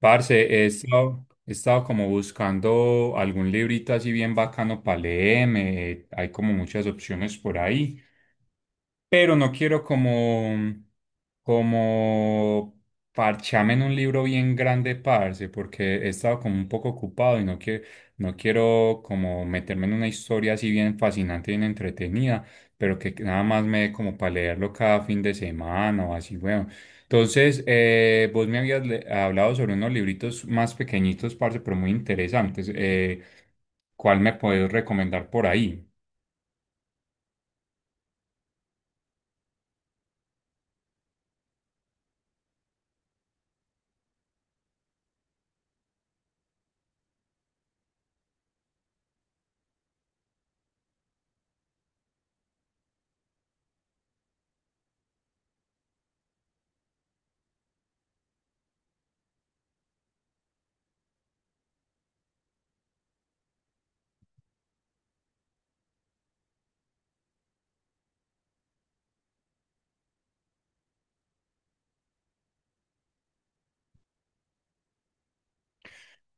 Parce, he estado como buscando algún librito así bien bacano para leerme. Hay como muchas opciones por ahí, pero no quiero como, como parchame en un libro bien grande, parce, porque he estado como un poco ocupado y no quiero, no quiero como meterme en una historia así bien fascinante, bien entretenida, pero que nada más me dé como para leerlo cada fin de semana o así, bueno. Entonces, vos hablado sobre unos libritos más pequeñitos, parce, pero muy interesantes. Cuál me podés recomendar por ahí?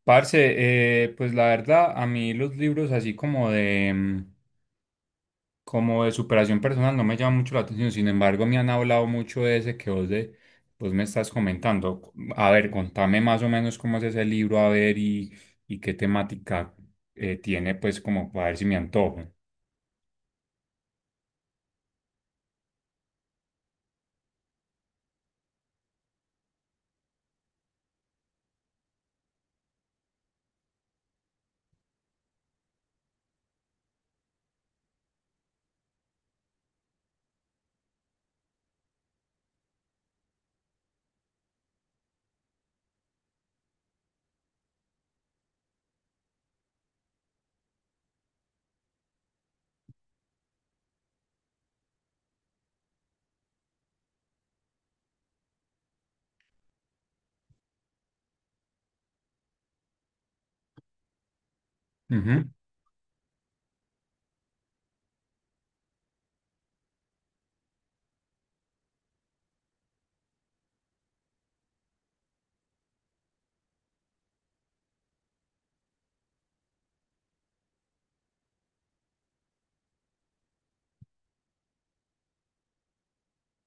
Parce, pues la verdad, a mí los libros así como de... como de superación personal no me llama mucho la atención. Sin embargo, me han hablado mucho de ese que vos me estás comentando. A ver, contame más o menos cómo es ese libro, a ver, y qué temática tiene, pues como para ver si me antojo. Ujú.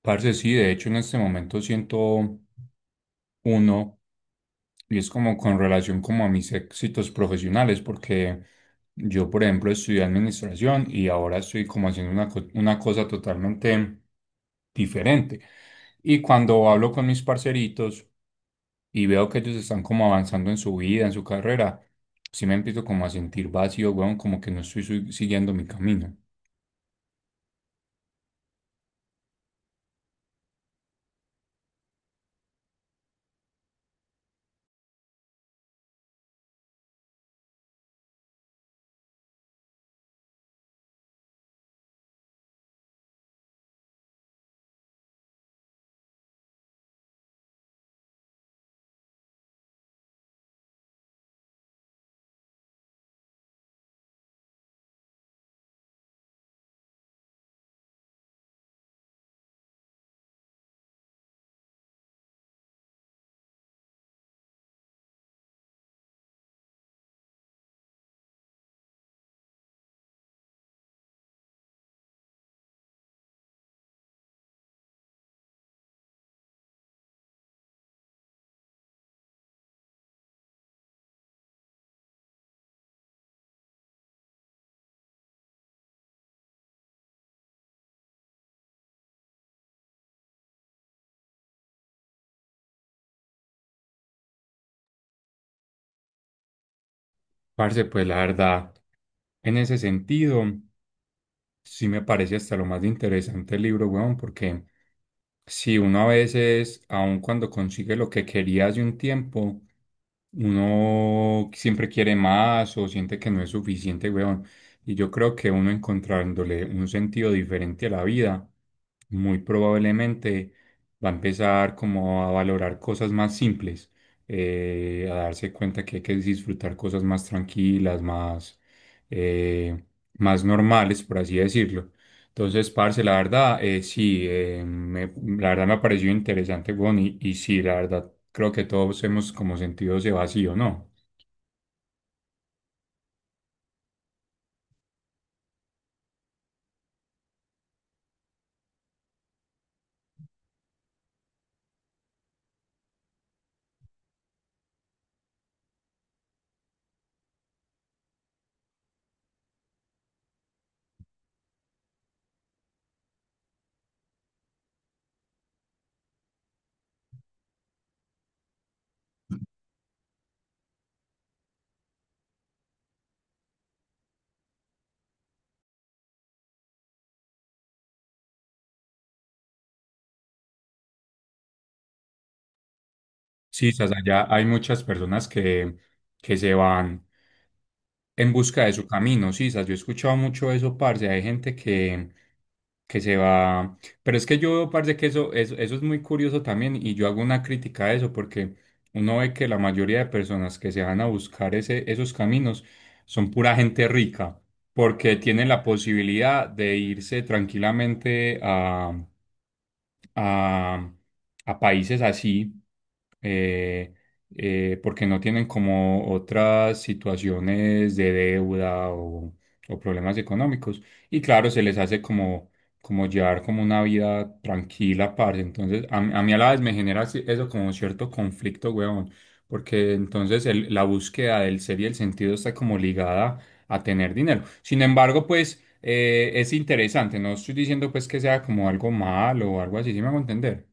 Parce, sí, de hecho en este momento siento uno. Y es como con relación como a mis éxitos profesionales, porque yo, por ejemplo, estudié administración y ahora estoy como haciendo una cosa totalmente diferente. Y cuando hablo con mis parceritos y veo que ellos están como avanzando en su vida, en su carrera, sí me empiezo como a sentir vacío, weón, como que no estoy su- siguiendo mi camino. Parce, pues la verdad, en ese sentido, sí me parece hasta lo más interesante el libro, weón, porque... sí, uno a veces, aun cuando consigue lo que quería hace un tiempo, uno siempre quiere más o siente que no es suficiente, weón. Y yo creo que uno, encontrándole un sentido diferente a la vida, muy probablemente va a empezar como a valorar cosas más simples, a darse cuenta que hay que disfrutar cosas más tranquilas, más, eh, más normales, por así decirlo. Entonces, parce, la verdad, sí, la verdad me ha parecido interesante, weón, y sí, la verdad, creo que todos hemos como sentido ese vacío, ¿no? Sí, estás allá, hay muchas personas que se van en busca de su camino, sí, sas, yo he escuchado mucho eso, parce. Hay gente que se va. Pero es que yo veo, parce, que eso es muy curioso también. Y yo hago una crítica a eso, porque uno ve que la mayoría de personas que se van a buscar esos caminos son pura gente rica, porque tienen la posibilidad de irse tranquilamente a, a países así, eh, porque no tienen como otras situaciones de deuda o problemas económicos. Y claro, se les hace como, como llevar como una vida tranquila, parce. Entonces, a mí a la vez me genera eso como cierto conflicto, weón, porque entonces la búsqueda del ser y el sentido está como ligada a tener dinero. Sin embargo, pues es interesante, no estoy diciendo pues que sea como algo malo o algo así, si me hago entender.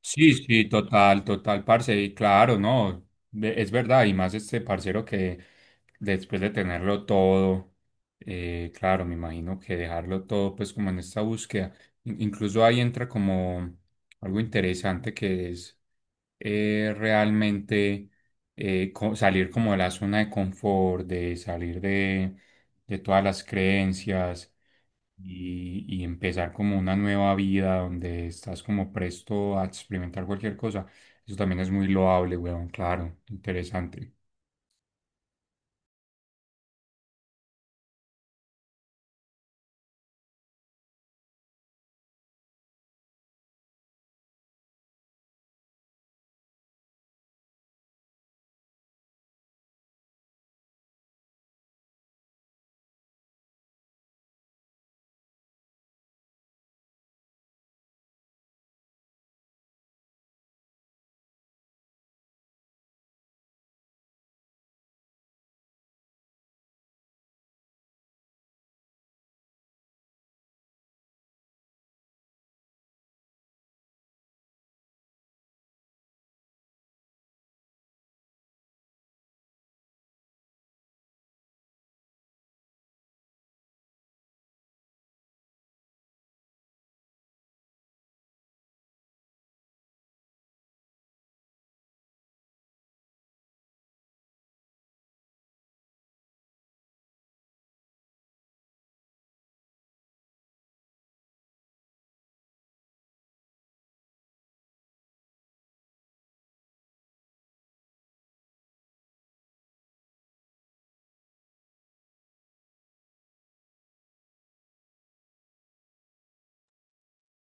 Sí, sí, total, total, parce, y claro, no, es verdad, y más este parcero que después de tenerlo todo, claro, me imagino que dejarlo todo, pues como en esta búsqueda, incluso ahí entra como algo interesante que es realmente salir como de la zona de confort, de salir de todas las creencias, y empezar como una nueva vida donde estás como presto a experimentar cualquier cosa. Eso también es muy loable, weón, claro, interesante.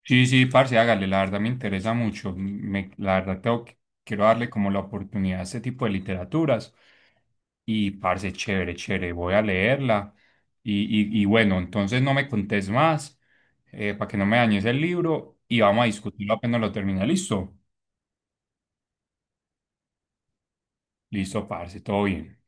Sí, sí, parce, hágale, la verdad me interesa mucho. La verdad quiero darle como la oportunidad a este tipo de literaturas. Y parce, chévere, chévere, voy a leerla. Y bueno, entonces no me contés más, para que no me dañes el libro, y vamos a discutirlo apenas lo termine. ¿Listo? Listo, parce, todo bien.